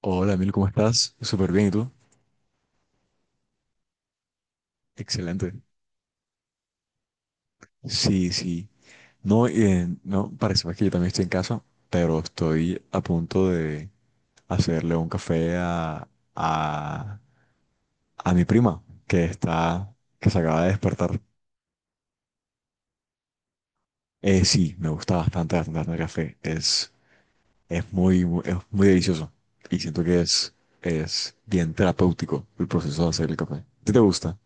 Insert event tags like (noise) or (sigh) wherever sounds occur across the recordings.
Hola, Emil, ¿cómo estás? Súper bien, ¿y tú? Excelente. Sí, sí. No, no, parece más que yo también estoy en casa, pero estoy a punto de hacerle un café a, a mi prima, que está, que se acaba de despertar. Sí, me gusta bastante, bastante, bastante el café. Es muy delicioso y siento que es bien terapéutico el proceso de hacer el café. ¿A ti te gusta?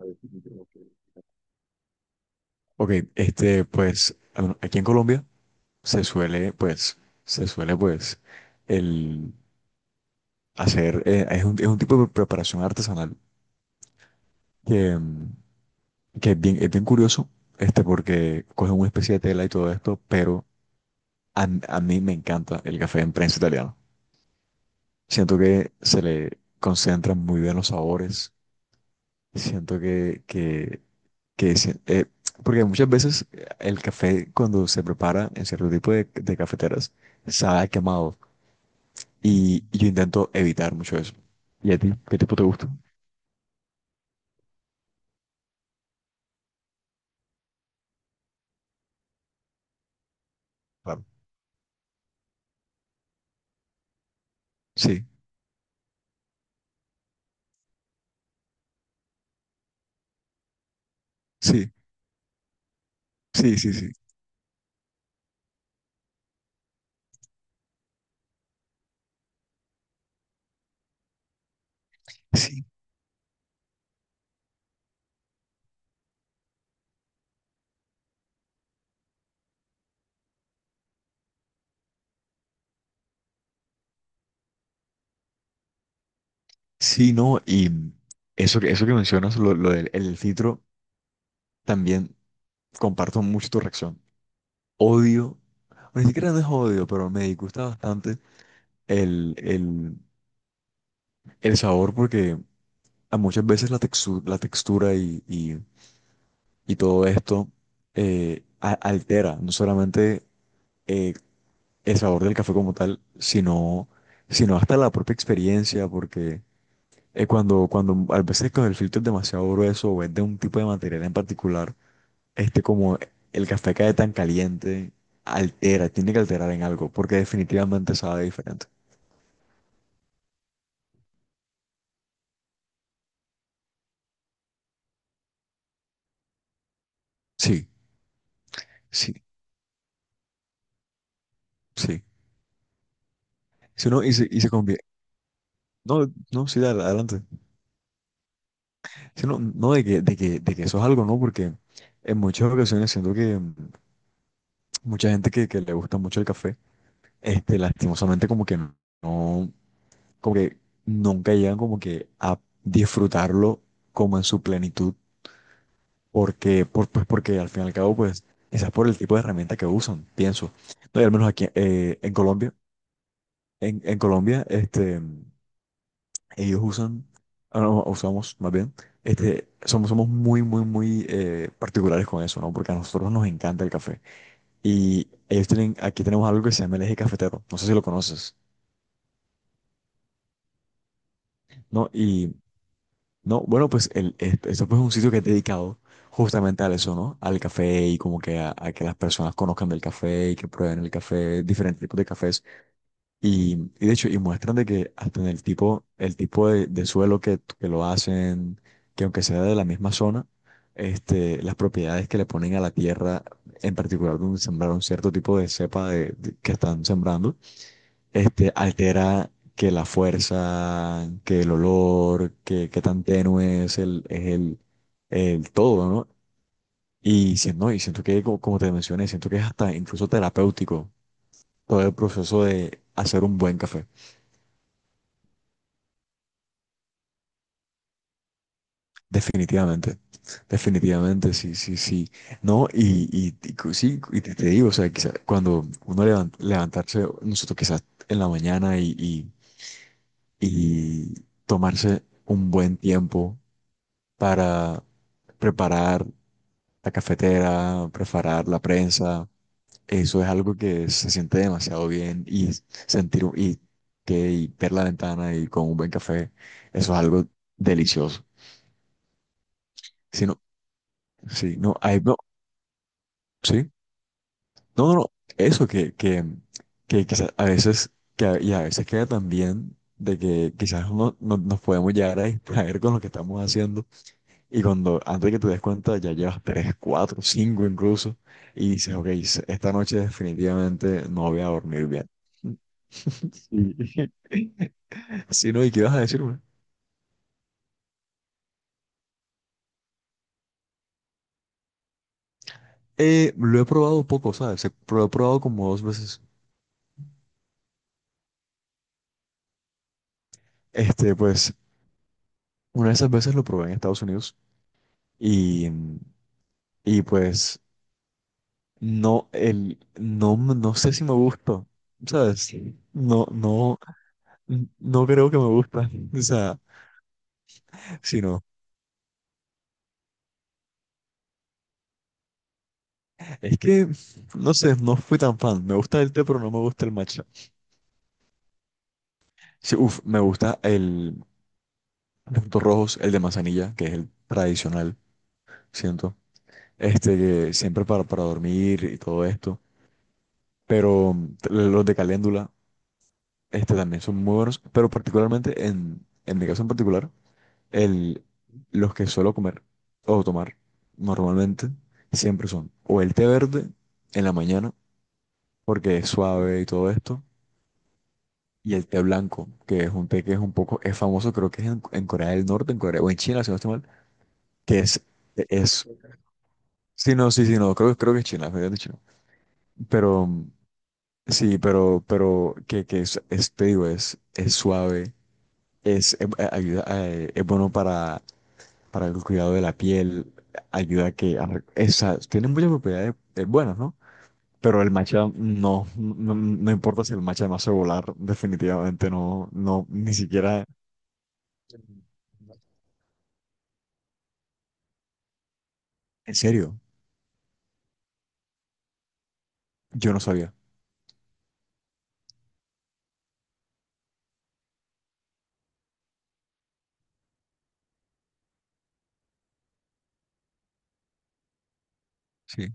Ujú. Ok, pues, aquí en Colombia se suele, pues, se suele, pues, el hacer, es un tipo de preparación artesanal que, mm, que es bien curioso, este, porque cogen una especie de tela y todo esto, pero a mí me encanta el café en prensa italiano. Siento que se le concentran muy bien los sabores, siento que porque muchas veces el café cuando se prepara en cierto tipo de cafeteras, sabe a quemado. Y yo intento evitar mucho eso. ¿Y a ti? ¿Qué tipo te gusta? Claro. Sí, sí, sí, sí, sí. Sí, sí, no. Y eso, eso que mencionas, lo del el filtro, también comparto mucho tu reacción. Odio, o ni siquiera no es odio, pero me disgusta bastante el, el, el sabor porque a muchas veces la textura y todo esto altera, no solamente eh, el sabor del café como tal, sino hasta la propia experiencia, porque cuando a veces con el filtro es demasiado grueso o es de un tipo de material en particular, como el café cae tan caliente, altera, tiene que alterar en algo, porque definitivamente sabe diferente. Sí, sí, sí. Si no, y se convierte. No, no, sí, dale, adelante. Si no, de que eso es algo, ¿no? Porque en muchas ocasiones siento que mm, mucha gente que le gusta mucho el café, este, lastimosamente como que no, como que nunca llegan como que a disfrutarlo como en su plenitud, porque, pues porque al fin y al cabo, pues, quizás por el tipo de herramienta que usan, pienso. No, y al menos aquí en Colombia, este, ellos usan, ah, no, usamos más bien, este, somos muy, muy, muy particulares con eso, ¿no? Porque a nosotros nos encanta el café. Y ellos tienen, aquí tenemos algo que se llama el eje cafetero, no sé si lo conoces, ¿no? Y no, bueno, esto pues es un sitio que es dedicado justamente a eso, ¿no? Al café y como que a que las personas conozcan del café y que prueben el café, diferentes tipos de cafés. Y, y de hecho, y muestran de que hasta en el tipo de suelo que lo hacen, que aunque sea de la misma zona, este, las propiedades que le ponen a la tierra, en particular donde sembraron cierto tipo de cepa que están sembrando este, altera que la fuerza, que el olor, que qué tan tenue es el todo, ¿no? Y siento que, como, como te mencioné, siento que es hasta incluso terapéutico todo el proceso de hacer un buen café. Definitivamente, definitivamente, sí, sí, sí. No, sí, te digo, o sea, quizá cuando levantarse, nosotros quizás en la mañana y tomarse un buen tiempo para preparar la cafetera, preparar la prensa. Eso es algo que se siente demasiado bien y sentir y ver la ventana y con un buen café, eso es algo delicioso. Si no, sí, no, hay, no, sí, no, no, no, eso que quizás a veces, y a veces queda también de que quizás nos podemos llegar a distraer con lo que estamos haciendo. Y cuando, antes de que te des cuenta, ya llevas tres, cuatro, cinco incluso, y dices, ok, esta noche definitivamente no voy a dormir bien. Sí. (laughs) Sí, no, ¿y qué vas a decirme? Lo he probado poco, ¿sabes? Lo he probado como dos veces. Este, pues, una de esas veces lo probé en Estados Unidos y, y pues, no, el, no, m- no sé si me gustó, ¿sabes? Sí. No, no, no creo que me gusta. (laughs) O sea, sino es que, no sé, no fui tan fan. Me gusta el té, pero no me gusta el matcha. Sí, uf, me gusta el de frutos rojos, el de manzanilla, que es el tradicional, siento. Este, que siempre para dormir y todo esto. Pero mm, los de caléndula, este también son muy buenos. Pero particularmente, en mi caso en particular, el, los que suelo comer o tomar normalmente, siempre son o el té verde en la mañana, porque es suave y todo esto. Y el té blanco, que es un té que es un poco, es famoso, creo que es en Corea del Norte, en Corea, o en China, si no estoy mal, que es, es, sí, no, sí, sí, no, creo, creo que es China, me habían dicho. Pero, mm, sí, te digo, es suave, ayuda, es bueno para el cuidado de la piel, ayuda a que, es, tiene muchas propiedades buenas, ¿no? Pero el matcha no, no, no importa si el matcha me hace volar, definitivamente no, no, ni siquiera. ¿En serio? Yo no sabía. Sí,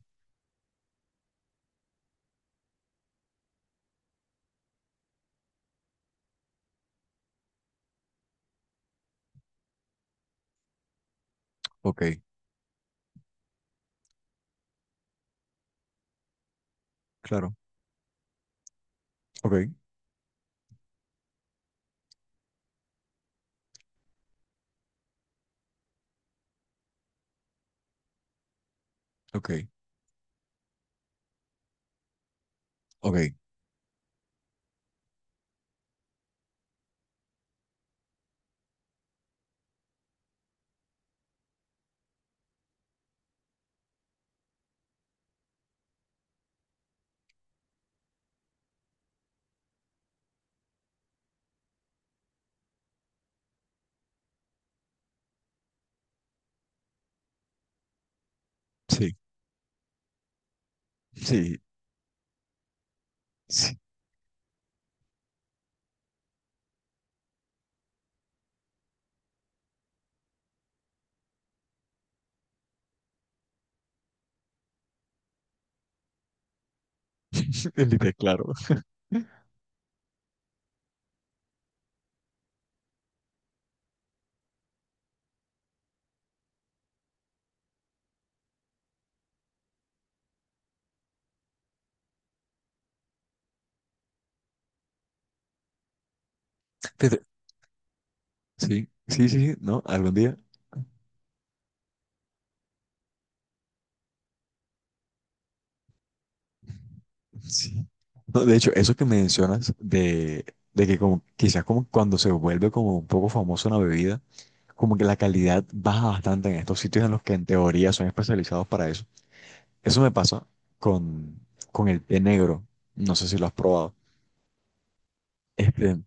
ok, claro. Ok, ok, ok. Sí, sí, sí. (laughs) Elite, claro. Fíjate, sí, sí, sí, sí, ¿no? Algún día. Sí. No, de hecho, eso que mencionas de que como quizás como cuando se vuelve como un poco famoso una bebida, como que la calidad baja bastante en estos sitios en los que en teoría son especializados para eso. Eso me pasa con, con el té negro. No sé si lo has probado. Este,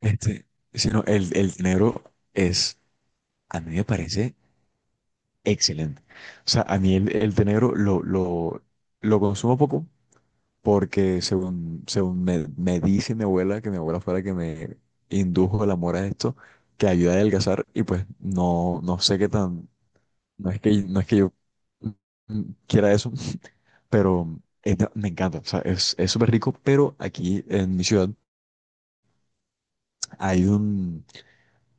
Este, sino el té negro es, a mí me parece excelente. O sea, a mí el té negro lo consumo poco porque según me dice mi abuela, que mi abuela fue la que me indujo el amor a esto, que ayuda a adelgazar y pues no, no sé qué tan, no es que, no es que yo mm, quiera eso, pero me encanta. O sea, es súper rico, pero aquí en mi ciudad hay un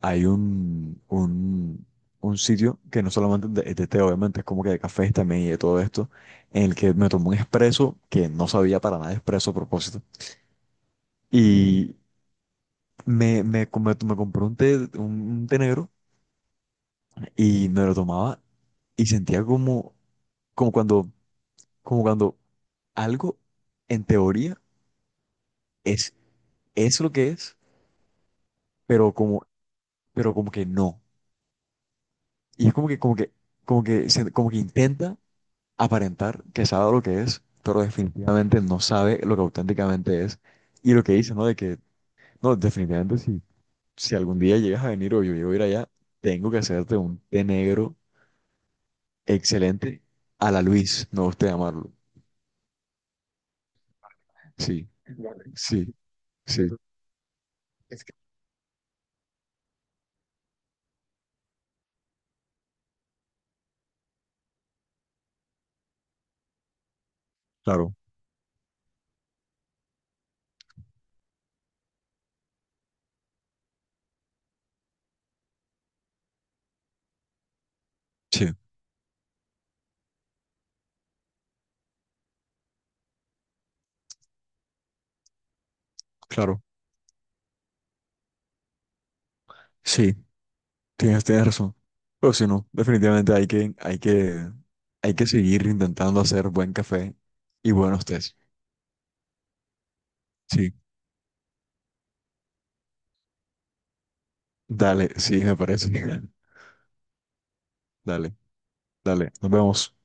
hay un sitio que no solamente es de té, obviamente, es como que de cafés también y de todo esto, en el que me tomé un espresso que no sabía para nada expreso a propósito. Y compré un té, un té negro y me lo tomaba y sentía como, como cuando, como cuando algo en teoría es, es lo que es, pero como, pero como que no. Y es como que como que intenta aparentar que sabe lo que es, pero definitivamente no sabe lo que auténticamente es. Y lo que dice, ¿no? No, definitivamente si, si algún día llegas a venir o yo llego a ir allá, tengo que hacerte un té negro excelente a la Luis, no usted llamarlo. Sí, sí, sí, claro, sí, claro, sí, tienes, tienes razón. Pero si no, definitivamente hay que, hay que, hay que seguir intentando hacer buen café y buenos tés. Sí, dale, sí, me parece. (laughs) Dale. Dale, nos vemos.